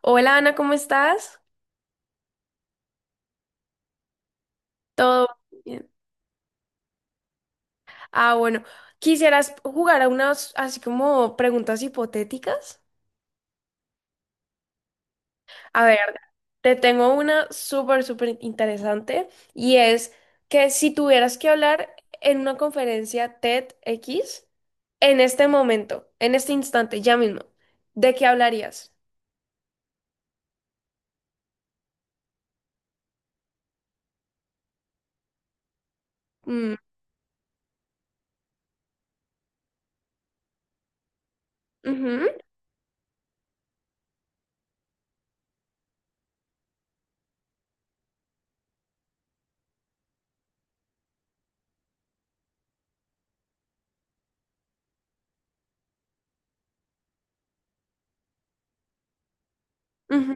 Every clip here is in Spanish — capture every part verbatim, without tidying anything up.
Hola Ana, ¿cómo estás? Todo bien. Ah, bueno, ¿quisieras jugar a unas así como preguntas hipotéticas? A ver, te tengo una súper, súper interesante y es que si tuvieras que hablar en una conferencia TEDx en este momento, en este instante, ya mismo, ¿de qué hablarías? Mm, ujú, ujú.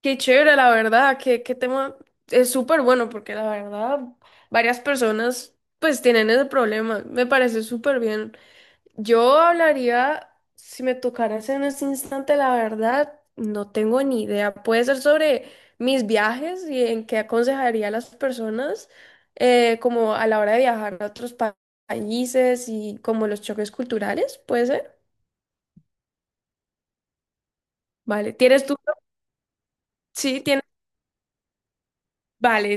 Qué chévere, la verdad, qué, qué tema es súper bueno porque la verdad varias personas pues tienen ese problema, me parece súper bien. Yo hablaría, si me tocaras en este instante, la verdad, no tengo ni idea. Puede ser sobre mis viajes y en qué aconsejaría a las personas eh, como a la hora de viajar a otros pa- países y como los choques culturales, puede ser. Vale, ¿tienes tú? Sí, tienes. Vale.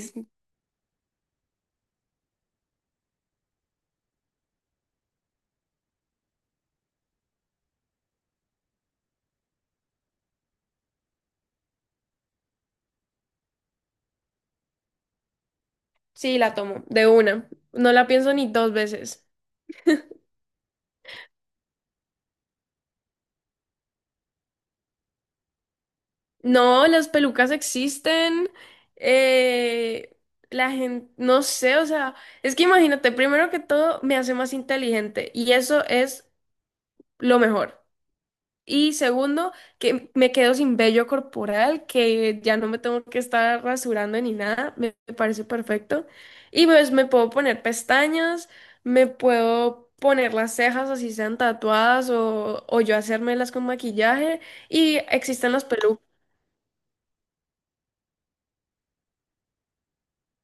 Sí, la tomo, de una. No la pienso ni dos veces. No, las pelucas existen. eh, la gente, no sé, o sea, es que imagínate, primero que todo me hace más inteligente y eso es lo mejor. Y segundo, que me quedo sin vello corporal, que ya no me tengo que estar rasurando ni nada, me me parece perfecto. Y pues me puedo poner pestañas, me puedo poner las cejas así sean tatuadas o, o yo hacérmelas con maquillaje y existen las pelucas,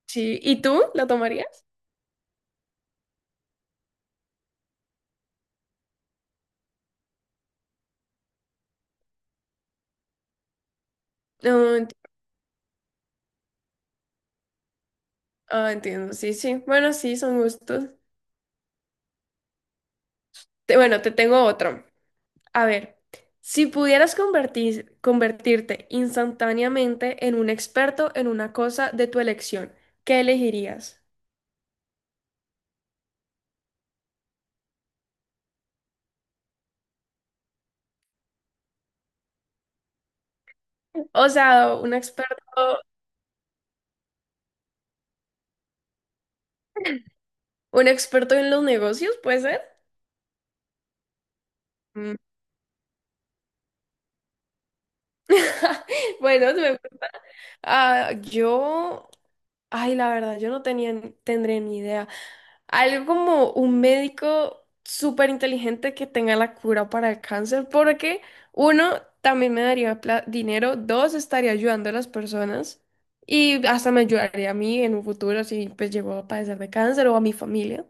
sí. ¿Y tú la tomarías? No, enti- ah, entiendo, sí, sí. Bueno, sí, son gustos. Te- bueno, te tengo otro. A ver, si pudieras convertir- convertirte instantáneamente en un experto en una cosa de tu elección, ¿qué elegirías? O sea, un experto, un experto en los negocios, ¿puede ser? Mm. Bueno, se me gusta. Ah, yo, ay, la verdad, yo no tenía, tendré ni idea. Algo como un médico súper inteligente que tenga la cura para el cáncer, porque uno, también me daría pla- dinero, dos, estaría ayudando a las personas y hasta me ayudaría a mí en un futuro si pues llego a padecer de cáncer o a mi familia.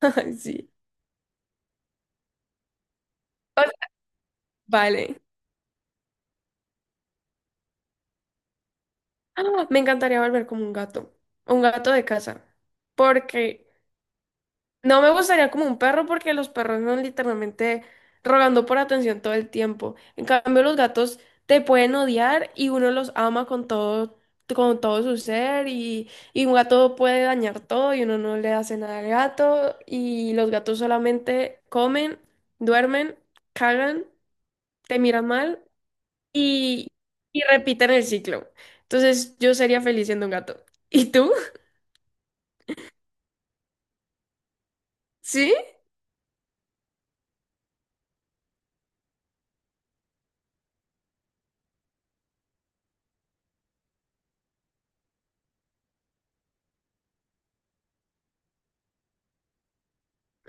Ay, sí. O sea, vale. Ah, Me encantaría volver como un gato, un gato de casa, porque no me gustaría como un perro porque los perros son literalmente rogando por atención todo el tiempo. En cambio, los gatos te pueden odiar y uno los ama con todo, con todo su ser y, y un gato puede dañar todo y uno no le hace nada al gato y los gatos solamente comen, duermen, cagan, te miran mal y, y repiten el ciclo. Entonces, yo sería feliz siendo un gato. ¿Y tú? ¿Sí?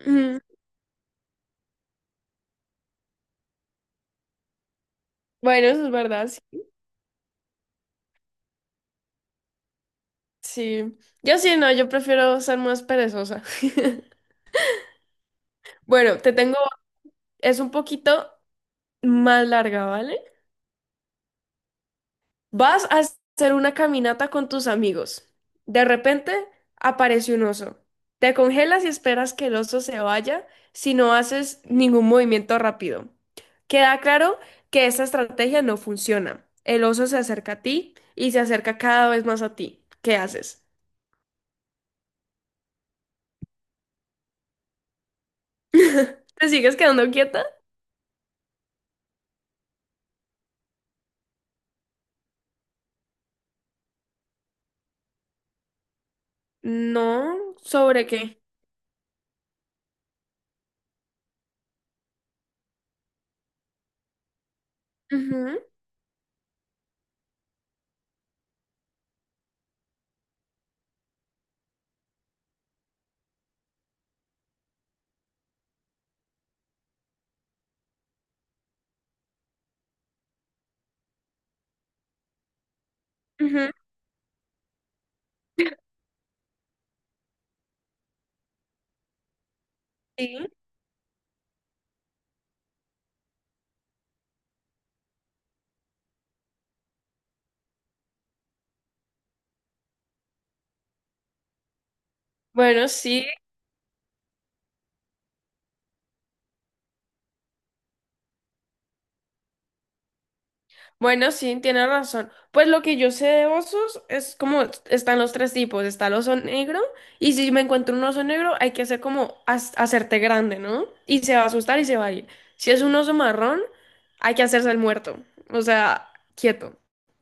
Mm, bueno, eso es verdad. Sí, yo sí, no, yo prefiero ser más perezosa. Bueno, te tengo, es un poquito más larga, ¿vale? Vas a hacer una caminata con tus amigos. De repente aparece un oso. Te congelas y esperas que el oso se vaya si no haces ningún movimiento rápido. Queda claro que esta estrategia no funciona. El oso se acerca a ti y se acerca cada vez más a ti. ¿Qué haces? ¿Te sigues quedando quieta? No, ¿sobre qué? Ujú. Ujú, sí. Bueno, sí, bueno, sí, tiene razón. Pues lo que yo sé de osos es como están los tres tipos. Está el oso negro y si me encuentro un oso negro hay que hacer como has- hacerte grande, ¿no? Y se va a asustar y se va a ir. Si es un oso marrón, hay que hacerse el muerto. O sea, quieto,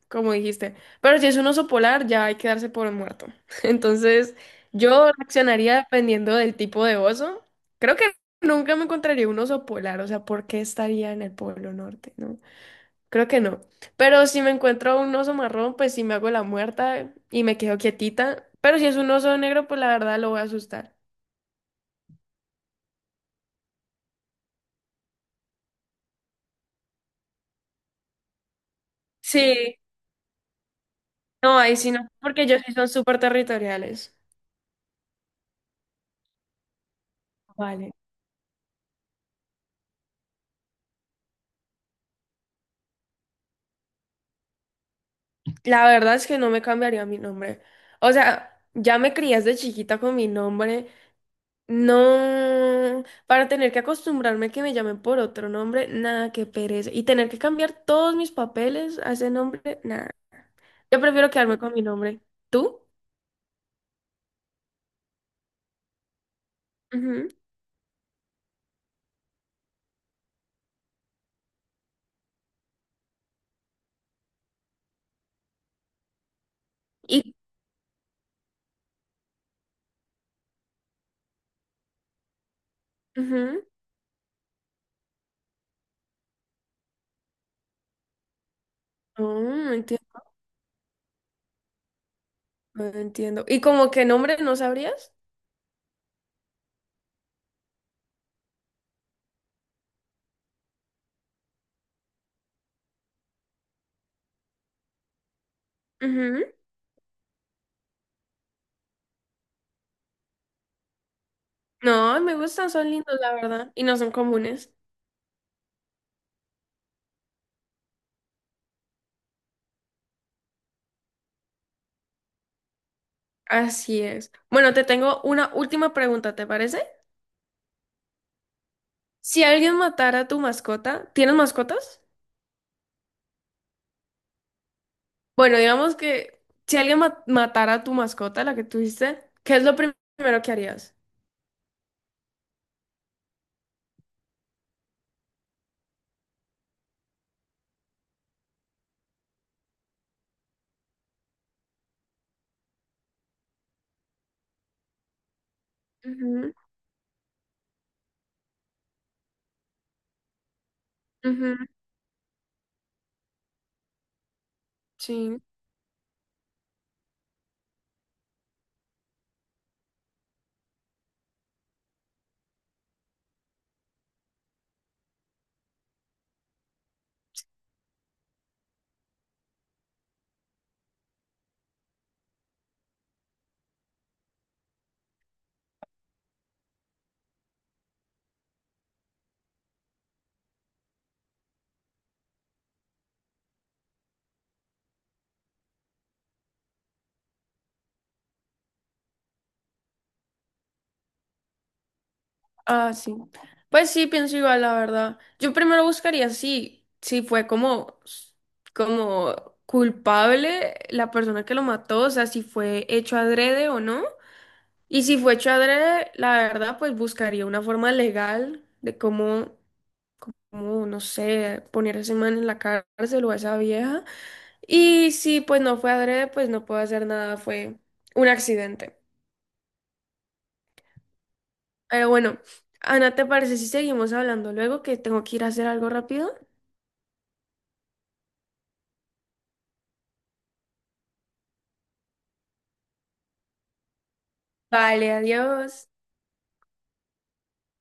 como dijiste. Pero si es un oso polar, ya hay que darse por un muerto. Entonces, yo reaccionaría dependiendo del tipo de oso. Creo que nunca me encontraría un oso polar. O sea, ¿por qué estaría en el Polo Norte, no? Creo que no. Pero si me encuentro un oso marrón, pues sí me hago la muerta y me quedo quietita. Pero si es un oso negro, pues la verdad lo voy a asustar. Sí, no, ahí sí no, porque ellos sí son súper territoriales. Vale. La verdad es que no me cambiaría mi nombre. O sea, ya me crié de chiquita con mi nombre. No, para tener que acostumbrarme que me llamen por otro nombre, nada, que pereza. Y tener que cambiar todos mis papeles a ese nombre, nada. Yo prefiero quedarme con mi nombre. ¿Tú? Ujú. Y, ujú. Oh, entiendo, entiendo. ¿Y como qué nombre no sabrías? Ujú. No, me gustan, son lindos, la verdad, y no son comunes. Así es. Bueno, te tengo una última pregunta, ¿te parece? Si alguien matara a tu mascota, ¿tienes mascotas? Bueno, digamos que si alguien ma- matara a tu mascota, la que tuviste, ¿qué es lo prim- primero que harías? Ujú, ujú, sí. Ah, sí. Pues sí, pienso igual, la verdad. Yo primero buscaría si, si fue como, como culpable la persona que lo mató, o sea, si fue hecho adrede o no. Y si fue hecho adrede, la verdad, pues buscaría una forma legal de cómo, cómo, no sé, poner a ese man en la cárcel o a esa vieja. Y si pues no fue adrede, pues no puedo hacer nada, fue un accidente. Pero bueno, Ana, ¿te parece si seguimos hablando luego que tengo que ir a hacer algo rápido? Vale, adiós.